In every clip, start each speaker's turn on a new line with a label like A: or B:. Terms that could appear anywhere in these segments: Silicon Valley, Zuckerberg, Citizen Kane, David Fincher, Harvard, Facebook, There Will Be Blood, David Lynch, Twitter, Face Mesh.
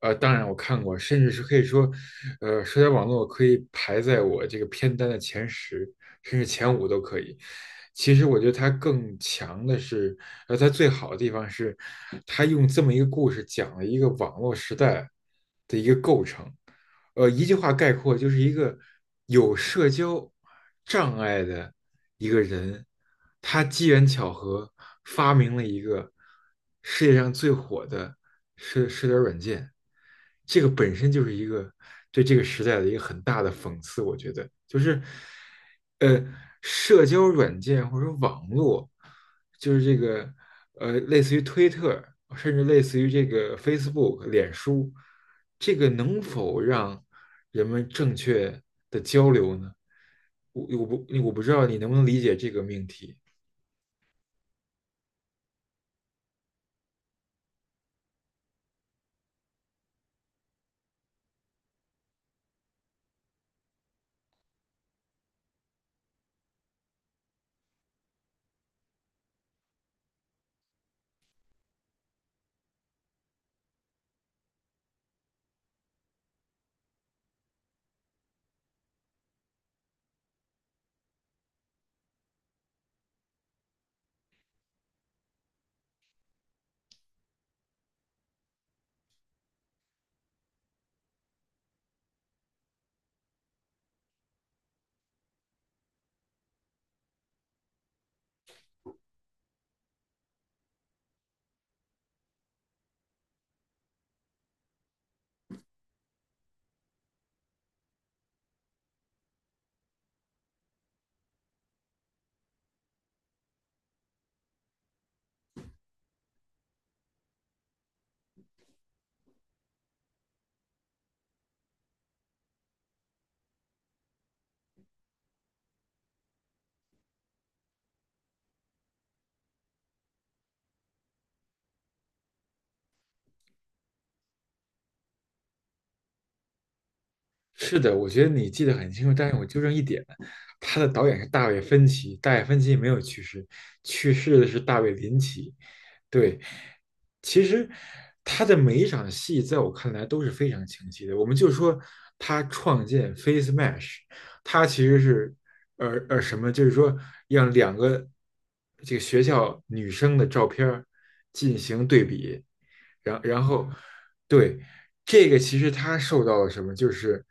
A: 当然我看过，甚至是可以说，社交网络可以排在我这个片单的前10，甚至前5都可以。其实我觉得它更强的是，它最好的地方是，它用这么一个故事讲了一个网络时代的一个构成。一句话概括，就是一个有社交障碍的一个人，他机缘巧合发明了一个世界上最火的社交软件，这个本身就是一个对这个时代的一个很大的讽刺，我觉得就是呃，社交软件或者网络，就是这个类似于推特，甚至类似于这个 Facebook、脸书，这个能否让人们正确的交流呢？我不知道你能不能理解这个命题。是的，我觉得你记得很清楚，但是我纠正一点，他的导演是大卫芬奇，大卫芬奇没有去世，去世的是大卫林奇。对，其实他的每一场戏，在我看来都是非常清晰的。我们就说他创建 Face Mesh，他其实是什么，就是说让两个这个学校女生的照片进行对比，然后，对这个其实他受到了什么，就是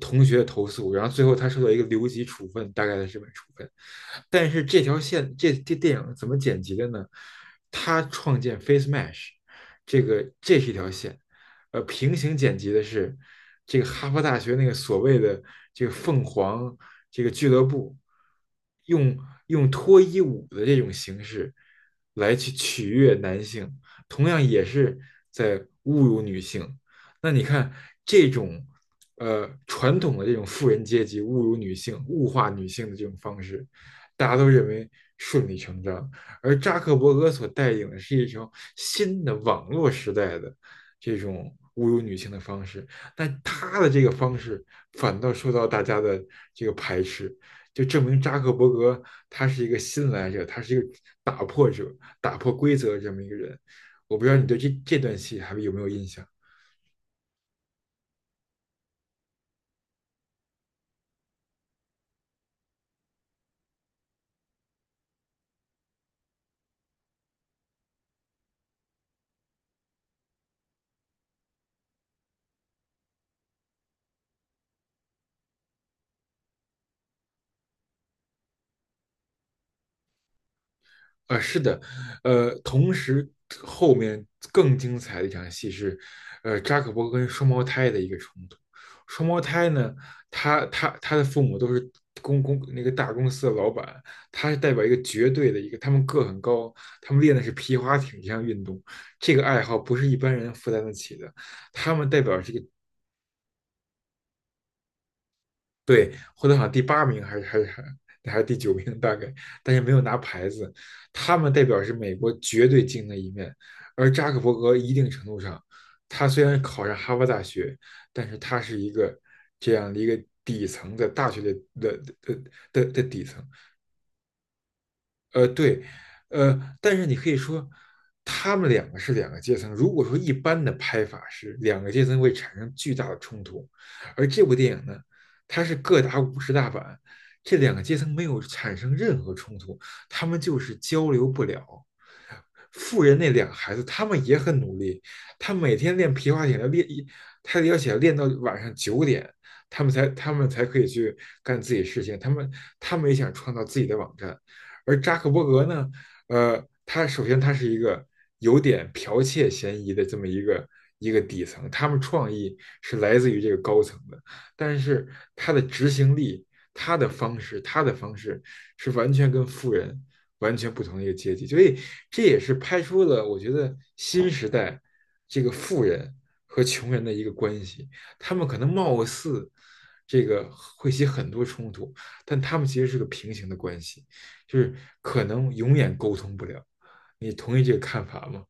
A: 同学投诉，然后最后他受到一个留级处分，大概的这么处分。但是这条线，这电影怎么剪辑的呢？他创建 Face Mesh，这个这是一条线，平行剪辑的是这个哈佛大学那个所谓的这个凤凰这个俱乐部，用用脱衣舞的这种形式来去取悦男性。同样也是在侮辱女性。那你看这种传统的这种富人阶级侮辱女性、物化女性的这种方式，大家都认为顺理成章。而扎克伯格所带领的是一种新的网络时代的这种侮辱女性的方式，但他的这个方式反倒受到大家的这个排斥，就证明扎克伯格他是一个新来者，他是一个打破者、打破规则这么一个人。我不知道你对这段戏还有没有印象？啊？是的，同时后面更精彩的一场戏是，扎克伯格跟双胞胎的一个冲突。双胞胎呢，他的父母都是那个大公司的老板，他是代表一个绝对的一个，他们个很高，他们练的是皮划艇这项运动，这个爱好不是一般人负担得起的，他们代表这个对，获得好像第八名还是第九名大概，但是没有拿牌子。他们代表是美国绝对精英的一面，而扎克伯格一定程度上，他虽然考上哈佛大学，但是他是一个这样的一个底层的大学的底层，对，但是你可以说，他们两个是两个阶层。如果说一般的拍法是两个阶层会产生巨大的冲突，而这部电影呢，它是各打五十大板，这两个阶层没有产生任何冲突，他们就是交流不了。富人那2个孩子，他们也很努力，他每天练皮划艇要练一，他要想练到晚上9点，他们才可以去干自己事情，他们也想创造自己的网站。而扎克伯格呢，他首先他是一个有点剽窃嫌疑的这么一个一个底层，他们创意是来自于这个高层的，但是他的执行力、他的方式是完全跟富人完全不同的一个阶级，所以这也是拍出了我觉得新时代这个富人和穷人的一个关系，他们可能貌似这个会起很多冲突，但他们其实是个平行的关系。就是可能永远沟通不了。你同意这个看法吗？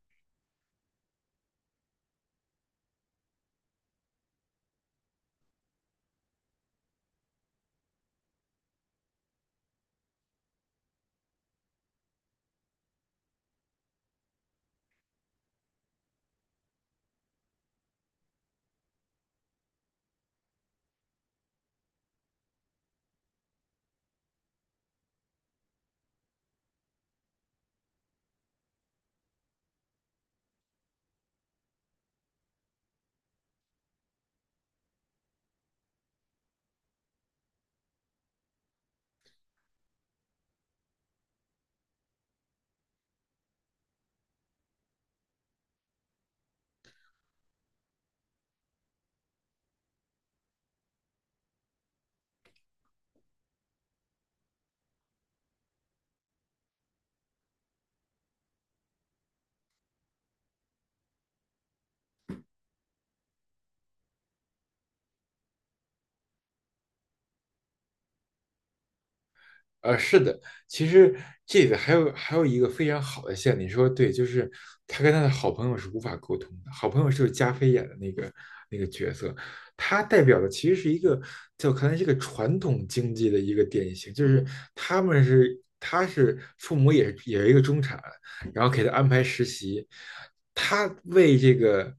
A: 是的，其实这个还有一个非常好的线，你说对，就是他跟他的好朋友是无法沟通的。好朋友就是加菲演的那个角色，他代表的其实是一个在我看来是个传统经济的一个典型，就是他是父母也是一个中产，然后给他安排实习，他为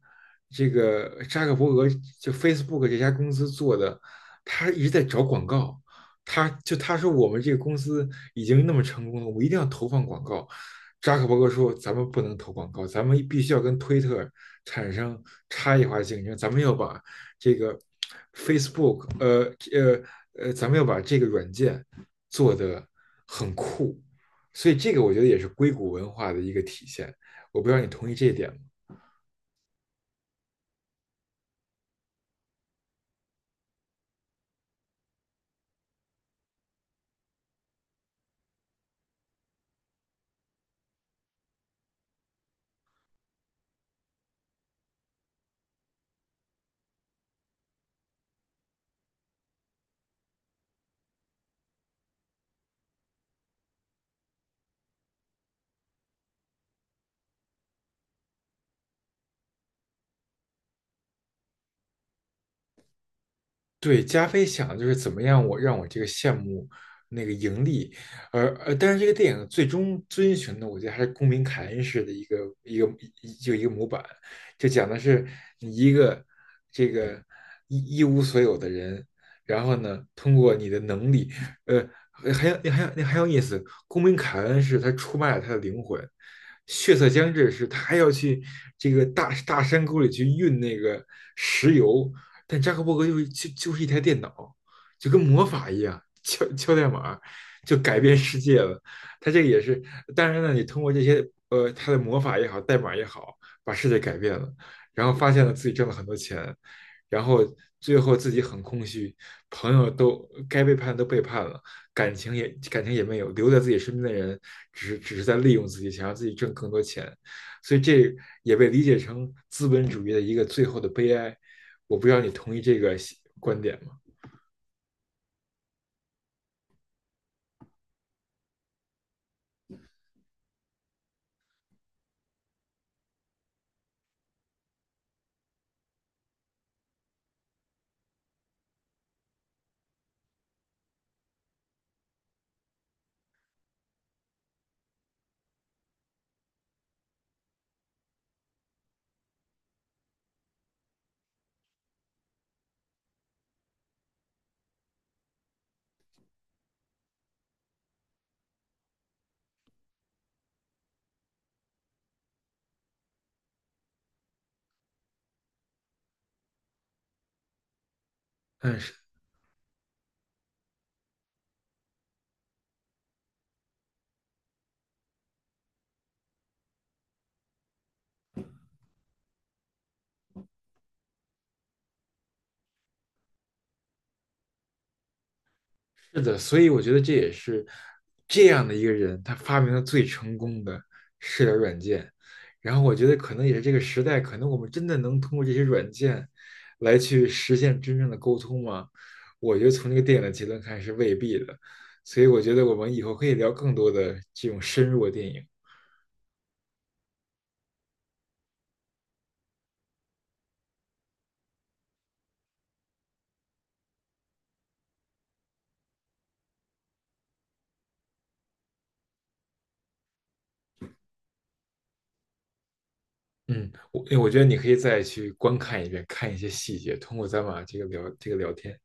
A: 这个扎克伯格就 Facebook 这家公司做的，他一直在找广告。他说我们这个公司已经那么成功了，我一定要投放广告。扎克伯格说：“咱们不能投广告，咱们必须要跟推特产生差异化竞争，咱们要把这个 Facebook，咱们要把这个软件做得很酷。”所以这个我觉得也是硅谷文化的一个体现。我不知道你同意这一点吗？对，加菲想的就是怎么样我让我这个项目那个盈利，而但是这个电影最终遵循的，我觉得还是公民凯恩式的一个一个模板，就讲的是你一个这个一无所有的人，然后呢，通过你的能力，呃，还有意思，公民凯恩是他出卖了他的灵魂，血色将至是他还要去这个山沟里去运那个石油。但扎克伯格就是是一台电脑，就跟魔法一样，敲敲代码就改变世界了。他这个也是，当然呢，你通过这些他的魔法也好，代码也好，把世界改变了，然后发现了自己挣了很多钱，然后最后自己很空虚，朋友都该背叛都背叛了，感情也没有，留在自己身边的人只是在利用自己，想让自己挣更多钱。所以这也被理解成资本主义的一个最后的悲哀，我不知道你同意这个观点吗？嗯，是的，所以我觉得这也是这样的一个人，他发明了最成功的社交软件。然后我觉得可能也是这个时代，可能我们真的能通过这些软件来去实现真正的沟通吗？我觉得从这个电影的结论看是未必的。所以我觉得我们以后可以聊更多的这种深入的电影。嗯，我觉得你可以再去观看一遍，看一些细节，通过咱俩这个聊聊天。